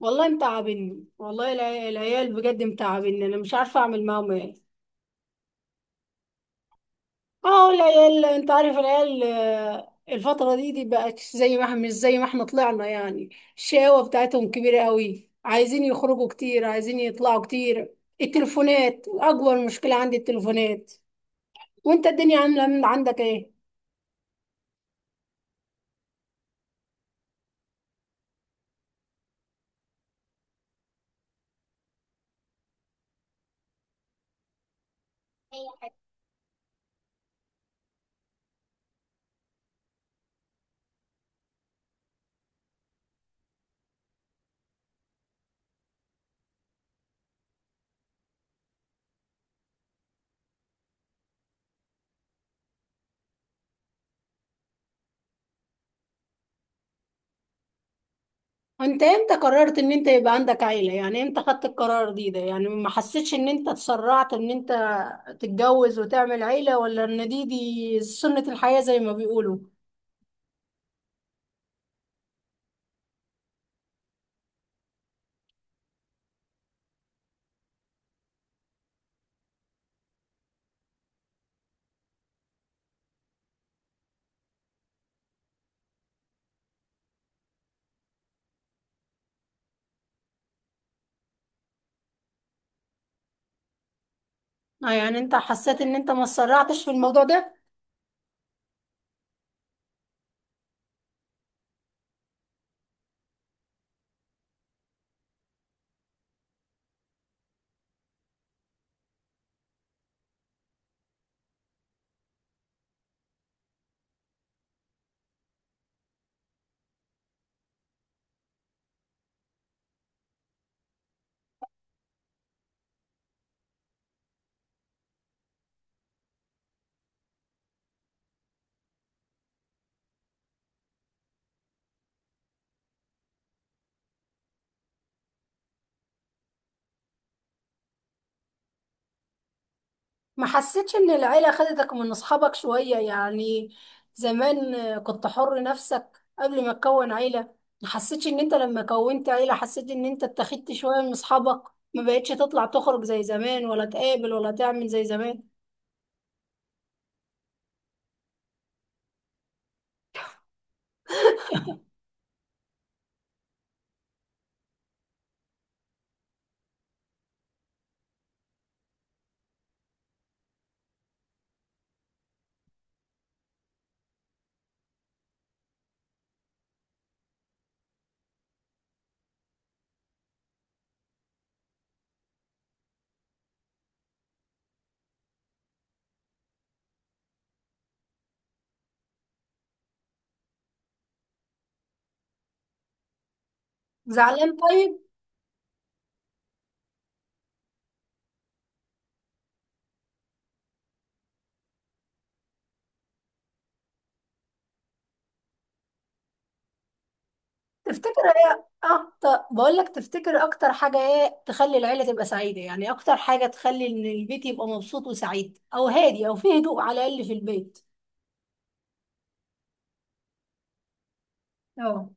والله متعبني، والله العيال بجد متعبني. انا مش عارفه اعمل معاهم ايه. اه العيال انت عارف العيال الفتره دي بقت زي ما احنا، مش زي ما احنا طلعنا يعني. الشقاوه بتاعتهم كبيره قوي، عايزين يخرجوا كتير، عايزين يطلعوا كتير. التليفونات اكبر مشكله عندي، التليفونات. وانت الدنيا عامله عندك ايه؟ انت امتى قررت ان انت يبقى عندك عيلة؟ يعني امتى خدت القرار ده؟ يعني ما حسيتش ان انت اتسرعت ان انت تتجوز وتعمل عيلة، ولا ان دي سنة الحياة زي ما بيقولوا؟ اه، يعني انت حسيت ان انت ما اتسرعتش في الموضوع ده؟ ما حسيتش ان العيلة خدتك من اصحابك شوية يعني؟ زمان كنت حر نفسك قبل ما تكون عيلة. ما حسيتش ان انت لما كونت عيلة حسيت ان انت اتخذت شوية من اصحابك؟ ما بقتش تطلع تخرج زي زمان، ولا تقابل، ولا تعمل زي زمان؟ زعلان طيب. تفتكر ايه اكتر؟ بقول لك، تفتكر اكتر حاجه ايه تخلي العيله تبقى سعيده؟ يعني اكتر حاجه تخلي ان البيت يبقى مبسوط وسعيد، او هادي، او فيه هدوء على الاقل في البيت. اه.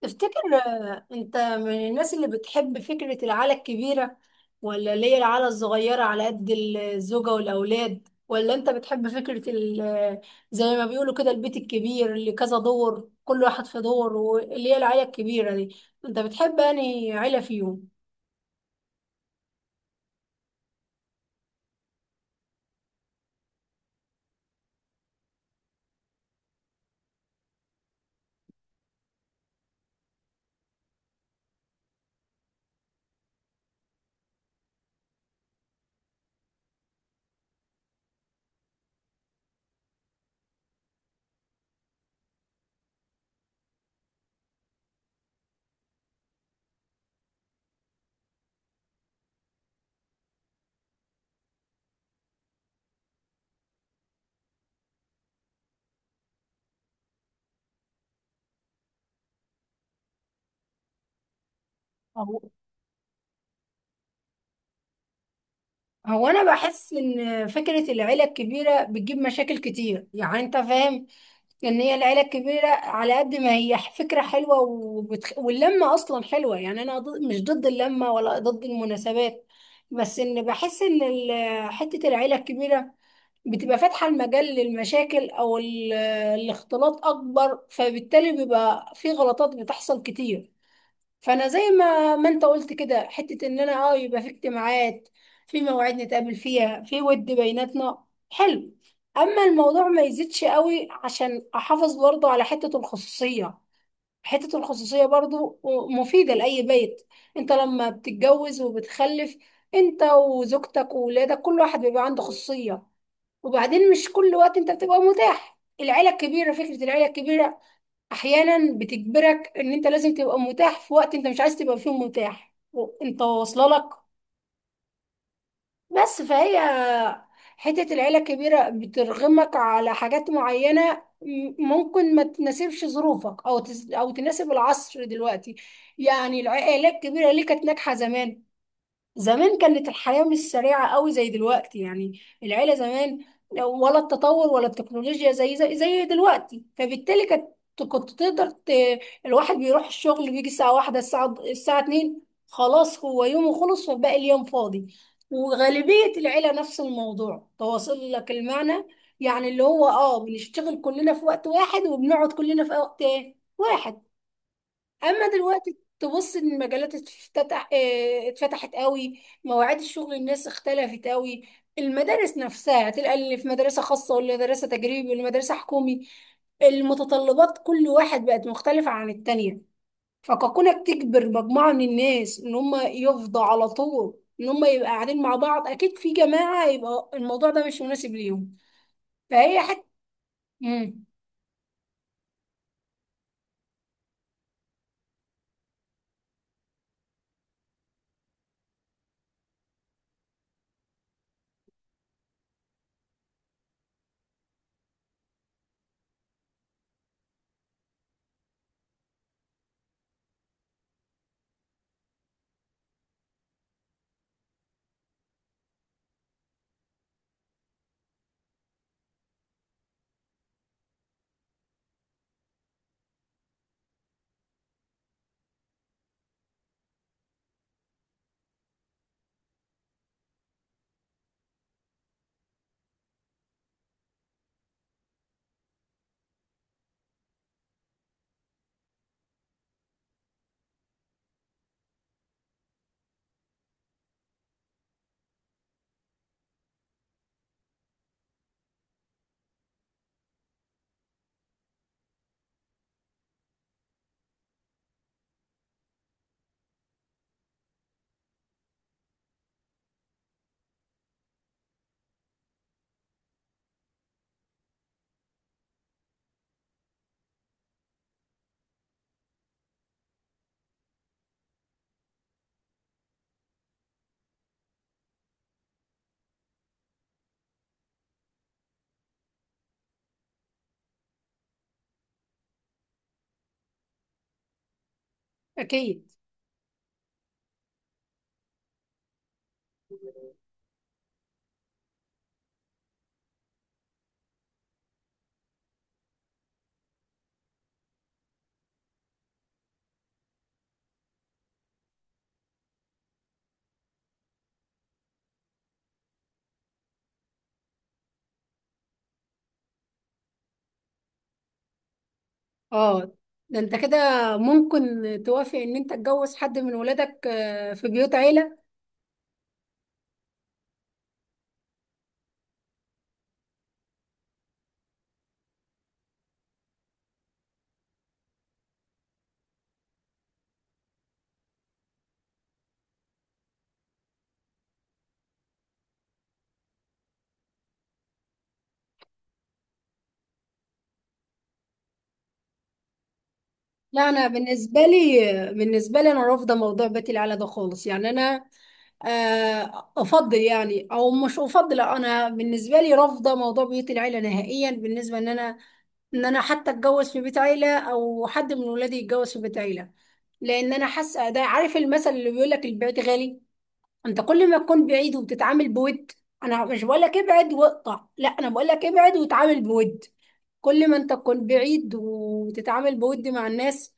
تفتكر انت من الناس اللي بتحب فكره العيله الكبيره، ولا اللي هي العيله الصغيره على قد الزوجه والاولاد؟ ولا انت بتحب فكره زي ما بيقولوا كده البيت الكبير اللي كذا دور، كل واحد في دور، واللي هي العيله الكبيره دي؟ انت بتحب انهي عيله فيهم؟ هو هو انا بحس ان فكره العيله الكبيره بتجيب مشاكل كتير، يعني انت فاهم ان هي العيله الكبيره، على قد ما هي فكره حلوه واللمه اصلا حلوه، يعني انا مش ضد اللمه ولا ضد المناسبات، بس ان بحس ان حته العيله الكبيره بتبقى فاتحه المجال للمشاكل، الاختلاط اكبر، فبالتالي بيبقى في غلطات بتحصل كتير. فانا زي ما انت قلت كده، حته ان انا اه يبقى في اجتماعات، في مواعيد نتقابل فيها، في ود بيناتنا، حلو. اما الموضوع ما يزيدش قوي، عشان احافظ برضو على حته الخصوصيه. حته الخصوصيه برضو مفيده لاي بيت. انت لما بتتجوز وبتخلف، انت وزوجتك وولادك، كل واحد بيبقى عنده خصوصيه. وبعدين مش كل وقت انت بتبقى متاح. العيله الكبيره، فكره العيله الكبيره احيانا بتجبرك ان انت لازم تبقى متاح في وقت انت مش عايز تبقى فيه متاح، وانت واصله لك. بس فهي حته العيله الكبيره بترغمك على حاجات معينه ممكن ما تناسبش ظروفك، او تناسب العصر دلوقتي. يعني العائلات الكبيره ليه كانت ناجحه زمان؟ زمان كانت الحياة مش سريعة قوي زي دلوقتي، يعني العيلة زمان، ولا التطور، ولا التكنولوجيا زي زي دلوقتي، فبالتالي كانت، كنت تقدر الواحد بيروح الشغل، بيجي الساعة 1، الساعة 2، خلاص هو يومه خلص وباقي اليوم فاضي. وغالبية العيلة نفس الموضوع، تواصل لك المعنى، يعني اللي هو اه بنشتغل كلنا في وقت واحد وبنقعد كلنا في وقت واحد. اما دلوقتي تبص ان المجالات اتفتحت قوي، مواعيد الشغل الناس اختلفت قوي. المدارس نفسها تلقى اللي في مدرسة خاصة، واللي مدرسة تجريبي، واللي مدرسة حكومي. المتطلبات كل واحد بقت مختلفة عن التانية. فكونك تجبر مجموعة من الناس ان هم يفضوا على طول، ان هم يبقى قاعدين مع بعض اكيد في جماعة، يبقى الموضوع ده مش مناسب ليهم. فهي حتة. امم اكيد. اه. ده انت كده ممكن توافق ان انت تتجوز حد من ولادك في بيوت عيلة؟ لا، انا بالنسبة لي، بالنسبة لي انا رافضة موضوع بيت العيلة ده خالص. يعني انا افضل يعني، او مش افضل، انا بالنسبة لي رافضة موضوع بيوت العيلة نهائيا، بالنسبة ان انا، ان انا حتى اتجوز في بيت عيلة، او حد من ولادي يتجوز في بيت عيلة. لان انا حاسة ده، عارف المثل اللي بيقول لك البيت غالي؟ انت كل ما تكون بعيد وبتتعامل بود، انا مش بقول لك ابعد واقطع، لا، انا بقول لك ابعد وتعامل بود. كل ما انت تكون بعيد وتتعامل بود مع الناس،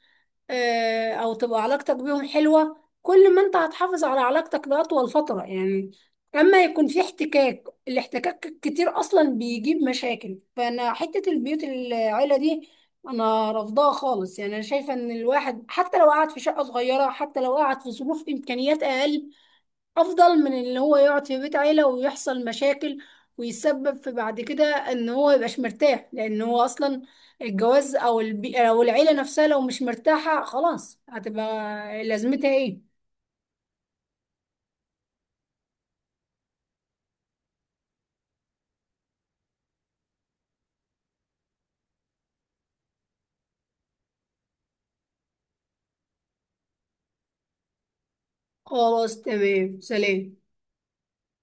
او تبقى علاقتك بيهم حلوة، كل ما انت هتحافظ على علاقتك لأطول فترة يعني. اما يكون في احتكاك، الاحتكاك كتير اصلا بيجيب مشاكل. فانا حتة البيوت العيلة دي انا رافضاها خالص. يعني انا شايفة ان الواحد حتى لو قعد في شقة صغيرة، حتى لو قعد في ظروف امكانيات اقل، افضل من اللي هو يقعد في بيت عيلة ويحصل مشاكل، ويسبب في بعد كده ان هو يبقاش مرتاح. لان هو اصلا الجواز او العيلة نفسها لو مش مرتاحة، خلاص هتبقى لازمتها ايه؟ خلاص، تمام، سلام.